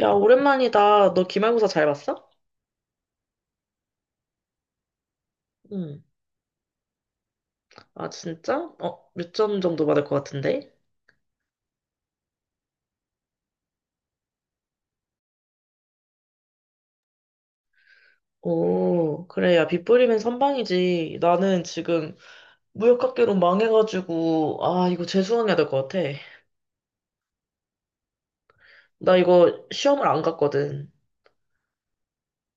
야, 오랜만이다. 너 기말고사 잘 봤어? 응. 아, 진짜? 어, 몇 점 정도 받을 것 같은데? 오, 그래. 야, 빗 뿌리면 선방이지. 나는 지금 무역학개론 망해가지고, 아, 이거 재수강해야 될 것 같아. 나 이거 시험을 안 갔거든.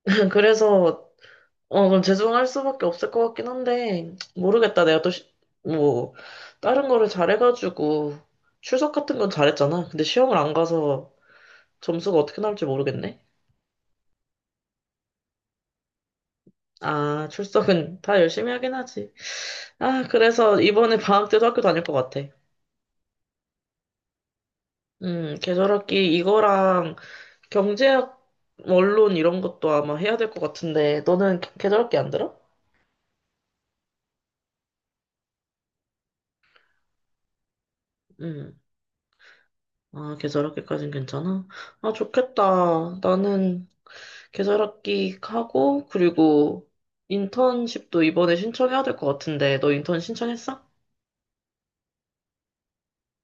그래서, 어, 그럼 재수강할 수밖에 없을 것 같긴 한데, 모르겠다. 내가 또, 뭐, 다른 거를 잘해가지고, 출석 같은 건 잘했잖아. 근데 시험을 안 가서 점수가 어떻게 나올지 모르겠네. 아, 출석은 다 열심히 하긴 하지. 아, 그래서 이번에 방학 때도 학교 다닐 것 같아. 계절학기 이거랑 경제학, 원론 이런 것도 아마 해야 될 것 같은데, 너는 계절학기 안 들어? 음. 아, 계절학기까진 괜찮아? 아, 좋겠다. 나는 계절학기 하고, 그리고 인턴십도 이번에 신청해야 될 것 같은데, 너 인턴 신청했어?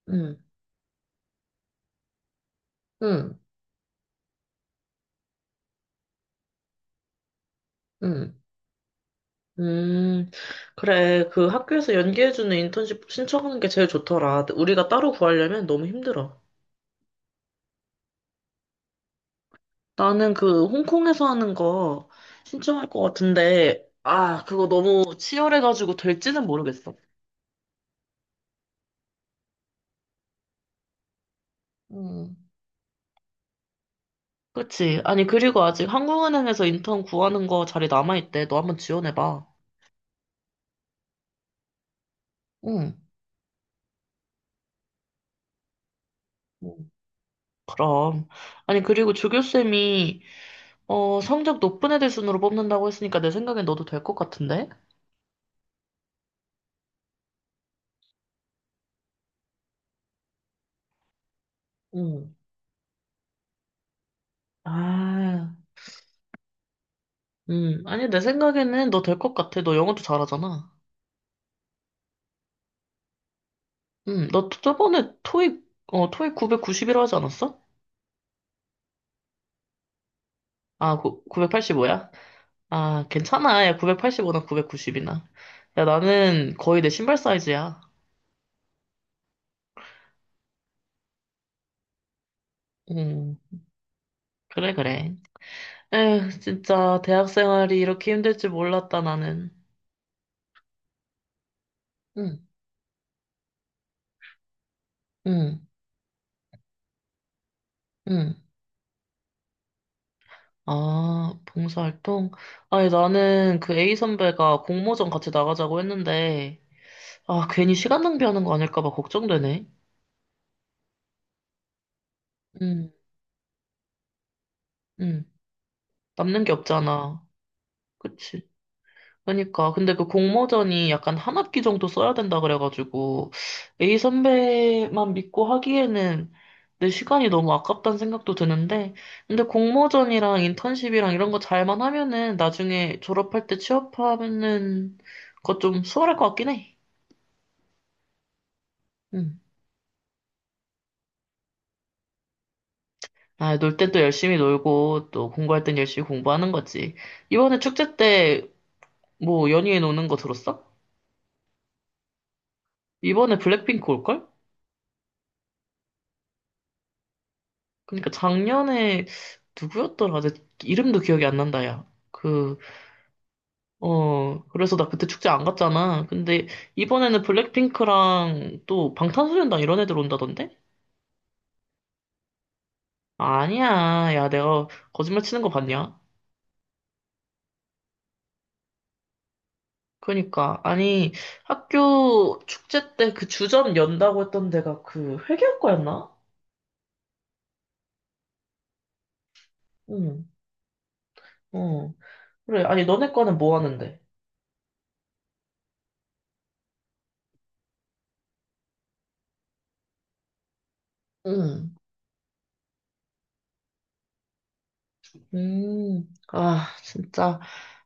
응, 응, 응. 음, 그래. 그 학교에서 연계해주는 인턴십 신청하는 게 제일 좋더라. 우리가 따로 구하려면 너무 힘들어. 나는 그 홍콩에서 하는 거 신청할 것 같은데, 아, 그거 너무 치열해가지고 될지는 모르겠어. 음. 그치? 아니, 그리고 아직 한국은행에서 인턴 구하는 거 자리 남아있대. 너 한번 지원해봐. 응. 응. 그럼. 아니, 그리고 조교쌤이, 어, 성적 높은 애들 순으로 뽑는다고 했으니까 내 생각엔 너도 될 것 같은데? 응. 아. 아니, 내 생각에는 너 될 것 같아. 너 영어도 잘하잖아. 너 저번에 토익, 어, 토익 990이라 하지 않았어? 아, 구, 985야? 아, 괜찮아. 야, 985나 990이나. 야, 나는 거의 내 신발 사이즈야. 음, 그래, 그래. 에휴, 진짜, 대학 생활이 이렇게 힘들 줄 몰랐다, 나는. 응, 응, 응. 아, 봉사활동? 아니, 나는 그 A 선배가 공모전 같이 나가자고 했는데, 아, 괜히 시간 낭비하는 거 아닐까 봐 걱정되네. 음, 음. 남는 게 없잖아. 그치. 그러니까. 근데 그 공모전이 약간 한 학기 정도 써야 된다 그래가지고, A 선배만 믿고 하기에는 내 시간이 너무 아깝다는 생각도 드는데, 근데 공모전이랑 인턴십이랑 이런 거 잘만 하면은 나중에 졸업할 때 취업하면은 그거 좀 수월할 것 같긴 해. 음. 아, 놀 땐 또 열심히 놀고, 또 공부할 땐 열심히 공부하는 거지. 이번에 축제 때 뭐 연예인 오는 거 들었어? 이번에 블랙핑크 올걸? 그러니까 작년에 누구였더라? 내 이름도 기억이 안 난다, 야. 그, 어, 그래서 나 그때 축제 안 갔잖아. 근데 이번에는 블랙핑크랑 또 방탄소년단 이런 애들 온다던데? 아니야. 야, 내가 거짓말 치는 거 봤냐? 그러니까 아니 학교 축제 때 그 주점 연다고 했던 데가 그 회계학과였나? 응, 어. 그래. 아니 너네 과는 뭐 하는데? 응. 아, 진짜.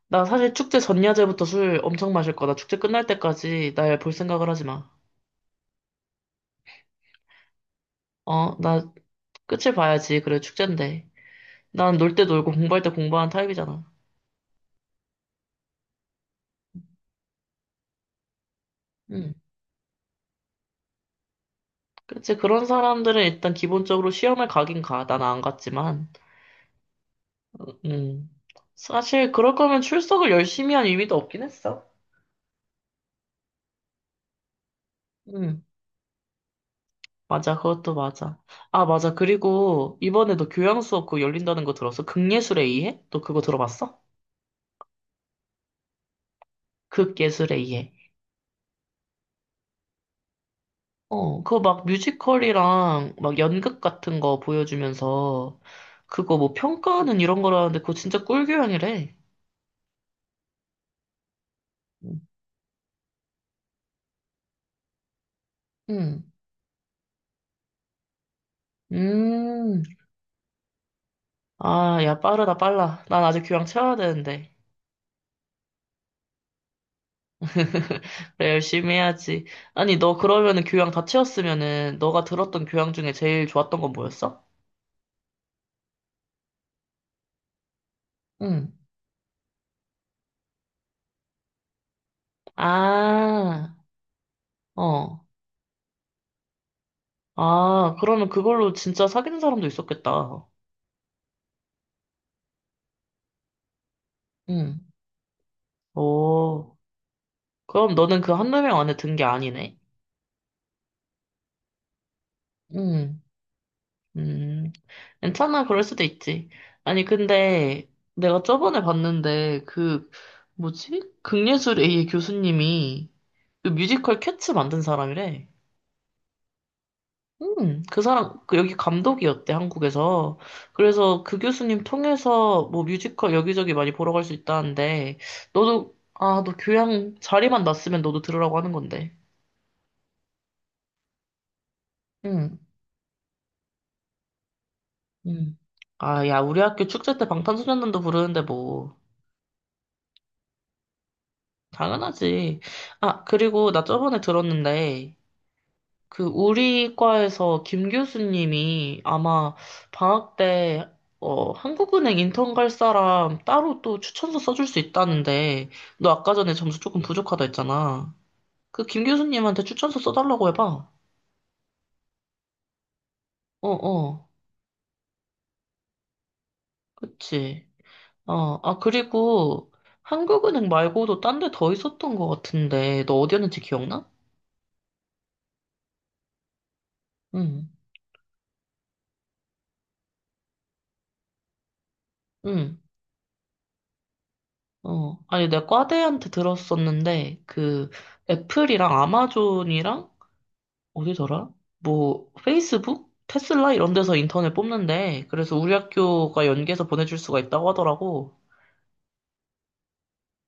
나 사실 축제 전야제부터 술 엄청 마실 거다. 축제 끝날 때까지 날 볼 생각을 하지 마. 어, 나 끝을 봐야지. 그래, 축제인데. 난 놀 때 놀고 공부할 때 공부하는 타입이잖아. 음, 그치. 그런 사람들은 일단 기본적으로 시험을 가긴 가. 나는 안 갔지만. 음, 사실 그럴 거면 출석을 열심히 한 의미도 없긴 했어. 음, 맞아. 그것도 맞아. 아, 맞아. 그리고 이번에 너 교양 수업 그거 열린다는 거 들었어? 극예술의 이해? 너 그거 들어봤어? 극 예술에 의해. 어, 그거 막 뮤지컬이랑 막 연극 같은 거 보여주면서 그거 뭐 평가하는 이런 거라는데 그거 진짜 꿀교양이래. 응. 음. 아, 야, 빠르다, 빨라. 난 아직 교양 채워야 되는데. 그래, 열심히 해야지. 아니, 너 그러면은 교양 다 채웠으면은 너가 들었던 교양 중에 제일 좋았던 건 뭐였어? 응. 아, 어. 아, 그러면 그걸로 진짜 사귀는 사람도 있었겠다. 응. 오. 그럼 너는 그 한두 명 안에 든 게 아니네? 음, 음, 괜찮아, 그럴 수도 있지. 아니, 근데 내가 저번에 봤는데, 그, 뭐지? 극예술 A의 교수님이 그 뮤지컬 캣츠 만든 사람이래. 그 사람, 그 여기 감독이었대, 한국에서. 그래서 그 교수님 통해서 뭐 뮤지컬 여기저기 많이 보러 갈 수 있다는데, 너도, 아, 너 교양 자리만 났으면 너도 들으라고 하는 건데. 음. 아, 야, 우리 학교 축제 때 방탄소년단도 부르는데 뭐 당연하지. 아, 그리고 나 저번에 들었는데 그 우리 과에서 김 교수님이 아마 방학 때 어, 한국은행 인턴 갈 사람 따로 또 추천서 써줄 수 있다는데 너 아까 전에 점수 조금 부족하다 했잖아. 그 김 교수님한테 추천서 써달라고 해봐. 어, 어, 그치. 어, 아, 그리고 한국은행 말고도 딴 데 더 있었던 것 같은데 너 어디였는지 기억나? 응, 응, 어. 아니, 내가 과대한테 들었었는데, 그, 애플이랑 아마존이랑, 어디더라? 뭐, 페이스북? 테슬라? 이런 데서 인턴을 뽑는데, 그래서 우리 학교가 연계해서 보내줄 수가 있다고 하더라고.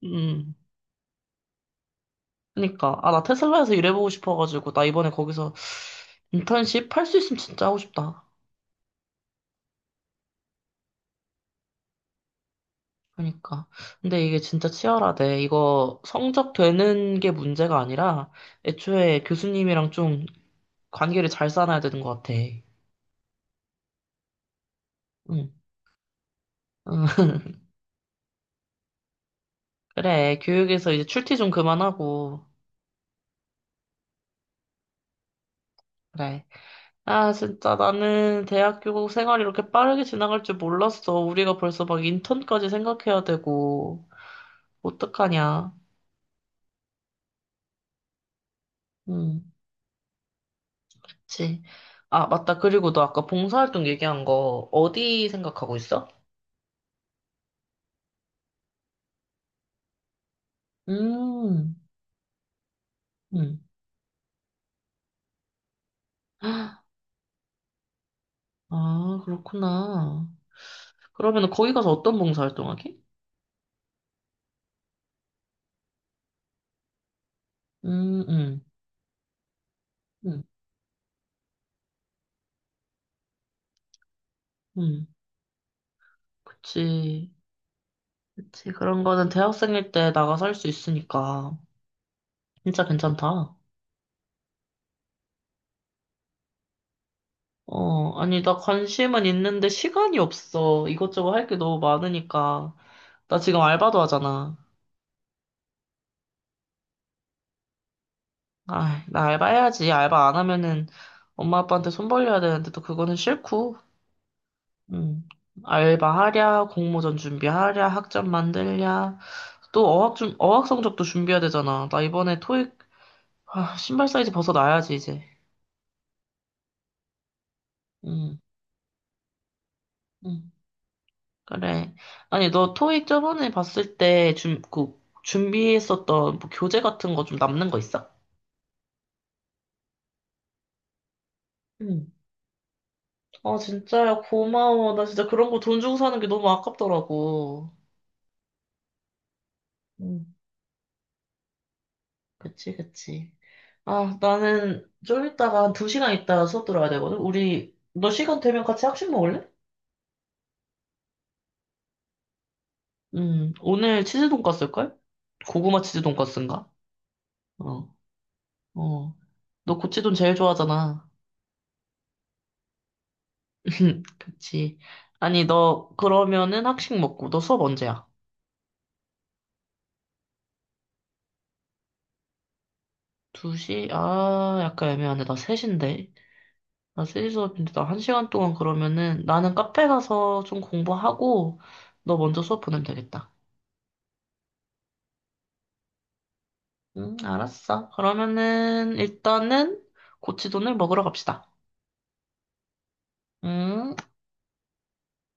음, 그니까. 아, 나 테슬라에서 일해보고 싶어가지고, 나 이번에 거기서 인턴십 할 수 있으면 진짜 하고 싶다. 그니까. 근데 이게 진짜 치열하대. 이거 성적 되는 게 문제가 아니라, 애초에 교수님이랑 좀 관계를 잘 쌓아야 되는 것 같아. 응. 응. 그래, 교육에서 이제 출퇴 좀 그만하고. 그래. 아, 진짜 나는 대학교 생활이 이렇게 빠르게 지나갈 줄 몰랐어. 우리가 벌써 막 인턴까지 생각해야 되고. 어떡하냐. 응, 그치. 아, 맞다. 그리고 너 아까 봉사활동 얘기한 거 어디 생각하고 있어? 음, 음. 아, 그렇구나. 그러면 거기 가서 어떤 봉사활동 하게? 음, 음, 음, 음. 그치. 그치. 그런 거는 대학생일 때 나가서 할 수 있으니까. 진짜 괜찮다. 어, 아니, 나 관심은 있는데 시간이 없어. 이것저것 할 게 너무 많으니까. 나 지금 알바도 하잖아. 아, 나 알바 해야지. 알바 안 하면은 엄마 아빠한테 손 벌려야 되는데 또 그거는 싫고. 음. 알바하랴, 공모전 준비하랴, 학점 만들랴. 또 어학 성적도 준비해야 되잖아. 나 이번에 토익 아, 신발 사이즈 벗어나야지 이제. 음. 음. 그래. 아니, 너 토익 저번에 봤을 때 그, 준비했었던 뭐 교재 같은 거 좀 남는 거 있어? 응, 아, 진짜야, 고마워. 나 진짜 그런 거 돈 주고 사는 게 너무 아깝더라고. 응. 그치, 그치. 아, 나는 좀 이따가 한 2시간 있다가 수업 들어야 되거든? 우리, 너 시간 되면 같이 학식 먹을래? 응. 오늘 치즈 돈까스일걸? 고구마 치즈 돈까스인가? 어, 어. 너 고치돈 제일 좋아하잖아. 그치. 아니, 너, 그러면은 학식 먹고, 너 수업 언제야? 2시? 아, 약간 애매하네. 나 3시인데. 나 3시 수업인데, 나 1시간 동안 그러면은, 나는 카페 가서 좀 공부하고, 너 먼저 수업 보내면 되겠다. 응, 알았어. 그러면은, 일단은, 고치돈을 먹으러 갑시다. 응?